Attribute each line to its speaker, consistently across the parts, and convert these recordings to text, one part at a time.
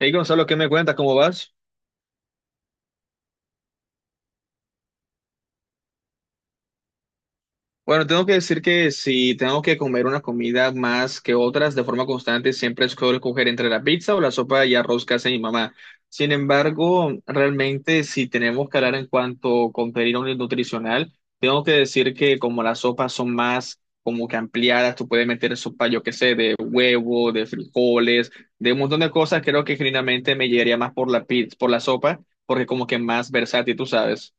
Speaker 1: Hey Gonzalo, ¿qué me cuentas? ¿Cómo vas? Bueno, tengo que decir que si tengo que comer una comida más que otras de forma constante, siempre escoger entre la pizza o la sopa y arroz que hace mi mamá. Sin embargo, realmente si tenemos que hablar en cuanto a contenido nutricional, tengo que decir que como las sopas son más como que ampliadas, tú puedes meter sopa, yo qué sé, de huevo, de frijoles, de un montón de cosas, creo que genuinamente me llegaría más por la pizza, por la sopa, porque como que más versátil, tú sabes.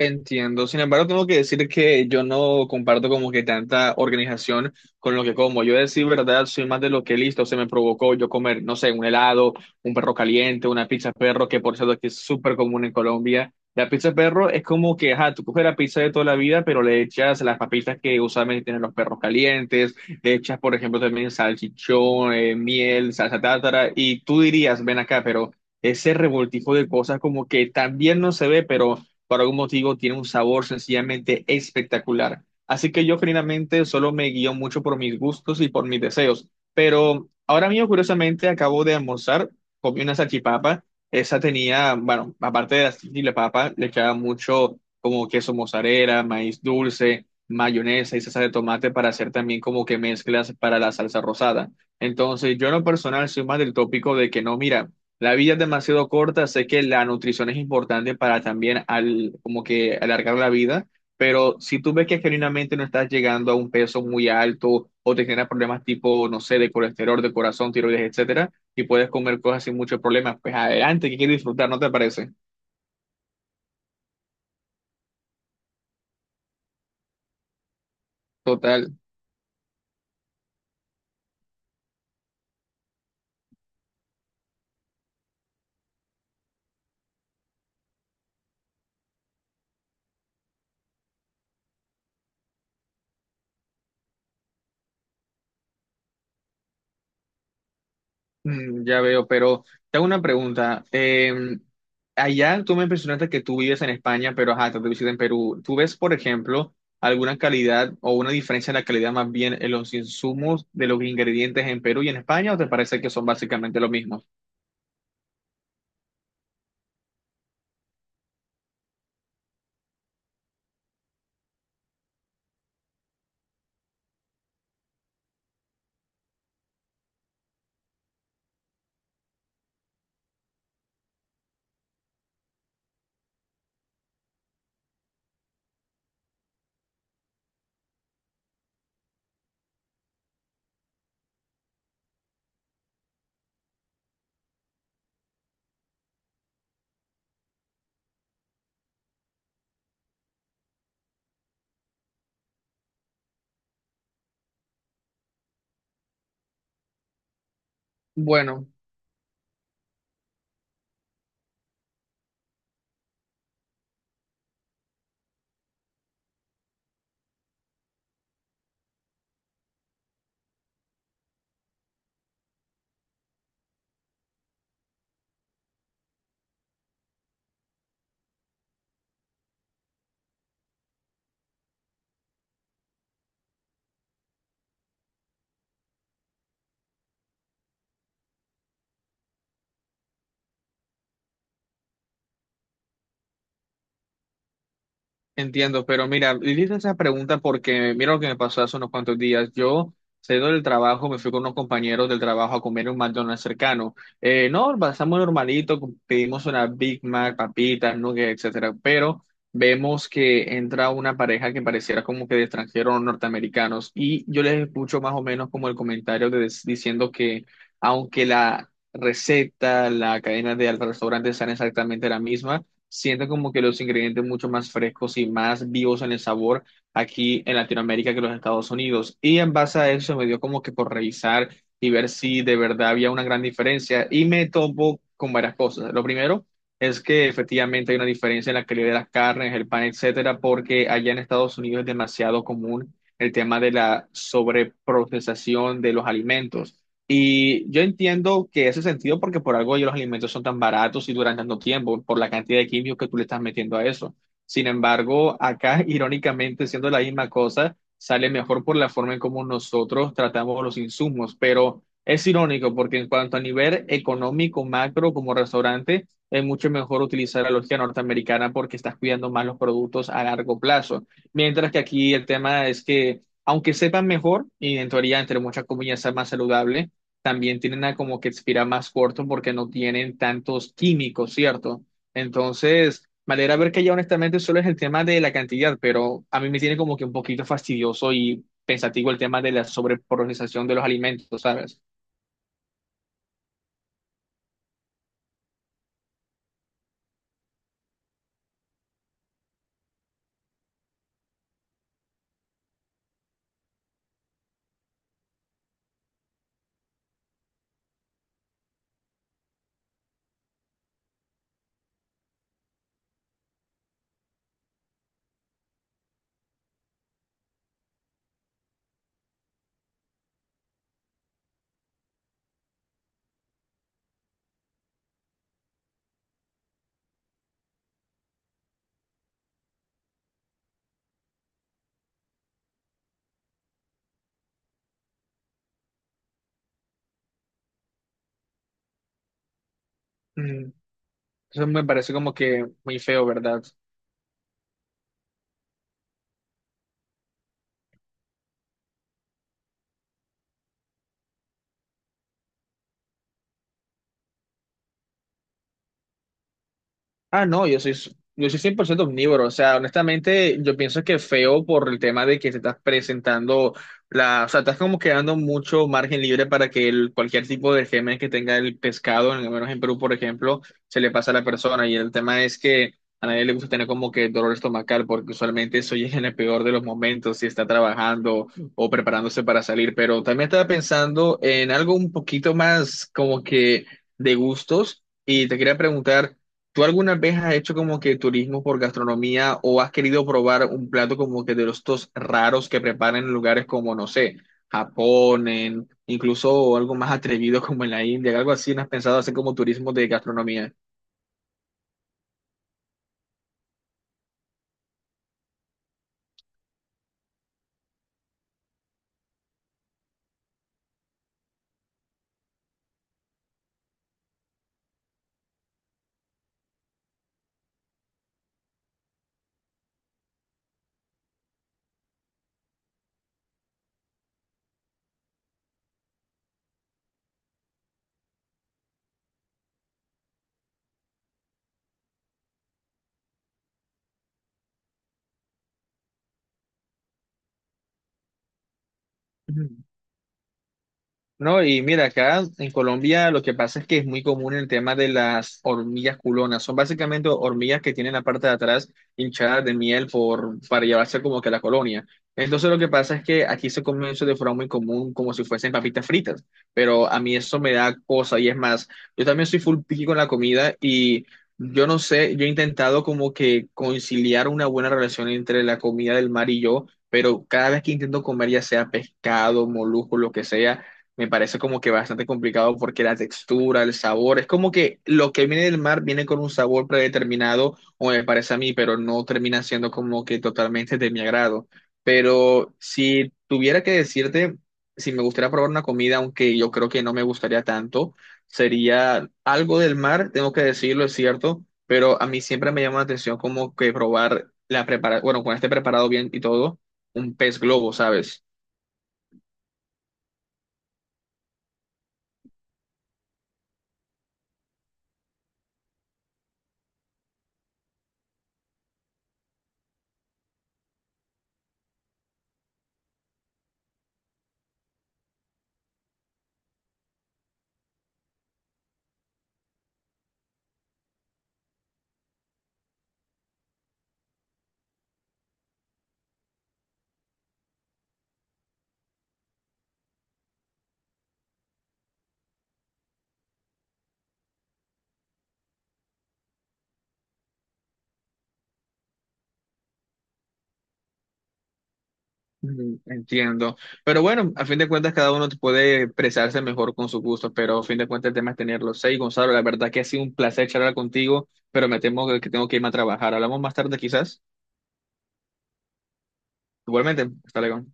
Speaker 1: Entiendo. Sin embargo, tengo que decir que yo no comparto como que tanta organización con lo que como. Yo decir verdad, soy más de lo que listo se me provocó yo comer, no sé, un helado, un perro caliente, una pizza perro, que por cierto aquí es súper común en Colombia. La pizza perro es como que, ajá, tú coges la pizza de toda la vida, pero le echas las papitas que usualmente tienen los perros calientes, le echas, por ejemplo, también salchichón, miel, salsa tártara, y tú dirías, ven acá, pero ese revoltijo de cosas como que también no se ve, pero por algún motivo tiene un sabor sencillamente espectacular. Así que yo generalmente solo me guío mucho por mis gustos y por mis deseos. Pero ahora mismo, curiosamente, acabo de almorzar, comí una salchipapa. Esa tenía, bueno, aparte de la salchipapa, le echaba mucho como queso mozzarella, maíz dulce, mayonesa y salsa de tomate para hacer también como que mezclas para la salsa rosada. Entonces, yo en lo personal soy más del tópico de que no, mira. La vida es demasiado corta, sé que la nutrición es importante para también al, como que alargar la vida, pero si tú ves que genuinamente no estás llegando a un peso muy alto o te generan problemas tipo, no sé, de colesterol, de corazón, tiroides, etcétera, y puedes comer cosas sin muchos problemas, pues adelante, que quieres disfrutar, ¿no te parece? Total. Mm, ya veo, pero te hago una pregunta. Allá tú me impresionaste que tú vives en España, pero ajá, te visitas en Perú. ¿Tú ves, por ejemplo, alguna calidad o una diferencia en la calidad más bien en los insumos de los ingredientes en Perú y en España o te parece que son básicamente lo mismo? Bueno, entiendo, pero mira, hice esa pregunta porque mira lo que me pasó hace unos cuantos días. Yo saliendo del trabajo, me fui con unos compañeros del trabajo a comer en un McDonald's cercano. No, pasamos normalito, pedimos una Big Mac, papitas, nuggets, etcétera, pero vemos que entra una pareja que pareciera como que de extranjeros o norteamericanos y yo les escucho más o menos como el comentario de, diciendo que aunque la receta, la cadena del restaurante sean exactamente la misma, siento como que los ingredientes mucho más frescos y más vivos en el sabor aquí en Latinoamérica que los Estados Unidos. Y en base a eso me dio como que por revisar y ver si de verdad había una gran diferencia y me topo con varias cosas. Lo primero es que efectivamente hay una diferencia en la calidad de las carnes, el pan, etcétera, porque allá en Estados Unidos es demasiado común el tema de la sobreprocesación de los alimentos. Y yo entiendo que ese sentido, porque por algo los alimentos son tan baratos y duran tanto tiempo, por la cantidad de químicos que tú le estás metiendo a eso. Sin embargo, acá, irónicamente, siendo la misma cosa, sale mejor por la forma en cómo nosotros tratamos los insumos. Pero es irónico, porque en cuanto a nivel económico, macro, como restaurante, es mucho mejor utilizar la lógica norteamericana porque estás cuidando más los productos a largo plazo. Mientras que aquí el tema es que, aunque sepan mejor, y en teoría, entre muchas comillas, sea más saludable, también tienen a como que expirar más corto porque no tienen tantos químicos, ¿cierto? Entonces, me alegra ver que ya honestamente solo es el tema de la cantidad, pero a mí me tiene como que un poquito fastidioso y pensativo el tema de la sobreprocesación de los alimentos, ¿sabes? Mm, eso me parece como que muy feo, ¿verdad? Ah, no, yo soy 100% omnívoro. O sea, honestamente, yo pienso que feo por el tema de que te estás presentando o sea, estás como quedando mucho margen libre para que el, cualquier tipo de germen que tenga el pescado, al menos en Perú, por ejemplo, se le pasa a la persona. Y el tema es que a nadie le gusta tener como que dolor estomacal, porque usualmente eso llega en el peor de los momentos, si está trabajando o preparándose para salir. Pero también estaba pensando en algo un poquito más como que de gustos. Y te quería preguntar. ¿Tú alguna vez has hecho como que turismo por gastronomía o has querido probar un plato como que de los estos raros que preparan en lugares como, no sé, Japón, incluso algo más atrevido como en la India, algo así? ¿No has pensado hacer como turismo de gastronomía? No, y mira, acá en Colombia lo que pasa es que es muy común el tema de las hormigas culonas. Son básicamente hormigas que tienen la parte de atrás hinchada de miel por, para llevarse como que a la colonia. Entonces lo que pasa es que aquí se come eso de forma muy común, como si fuesen papitas fritas. Pero a mí eso me da cosa y es más, yo también soy full picky con la comida y yo no sé, yo he intentado como que conciliar una buena relación entre la comida del mar y yo. Pero cada vez que intento comer, ya sea pescado, molusco, lo que sea, me parece como que bastante complicado porque la textura, el sabor, es como que lo que viene del mar viene con un sabor predeterminado, o me parece a mí, pero no termina siendo como que totalmente de mi agrado. Pero si tuviera que decirte si me gustaría probar una comida, aunque yo creo que no me gustaría tanto, sería algo del mar, tengo que decirlo, es cierto, pero a mí siempre me llama la atención como que probar la prepara, bueno, con este preparado bien y todo, un pez globo, ¿sabes? Mm, entiendo. Pero bueno, a fin de cuentas cada uno puede expresarse mejor con su gusto, pero a fin de cuentas el tema es tenerlos. Seis Gonzalo, la verdad que ha sido un placer charlar contigo, pero me temo que tengo que irme a trabajar. Hablamos más tarde quizás. Igualmente, hasta luego.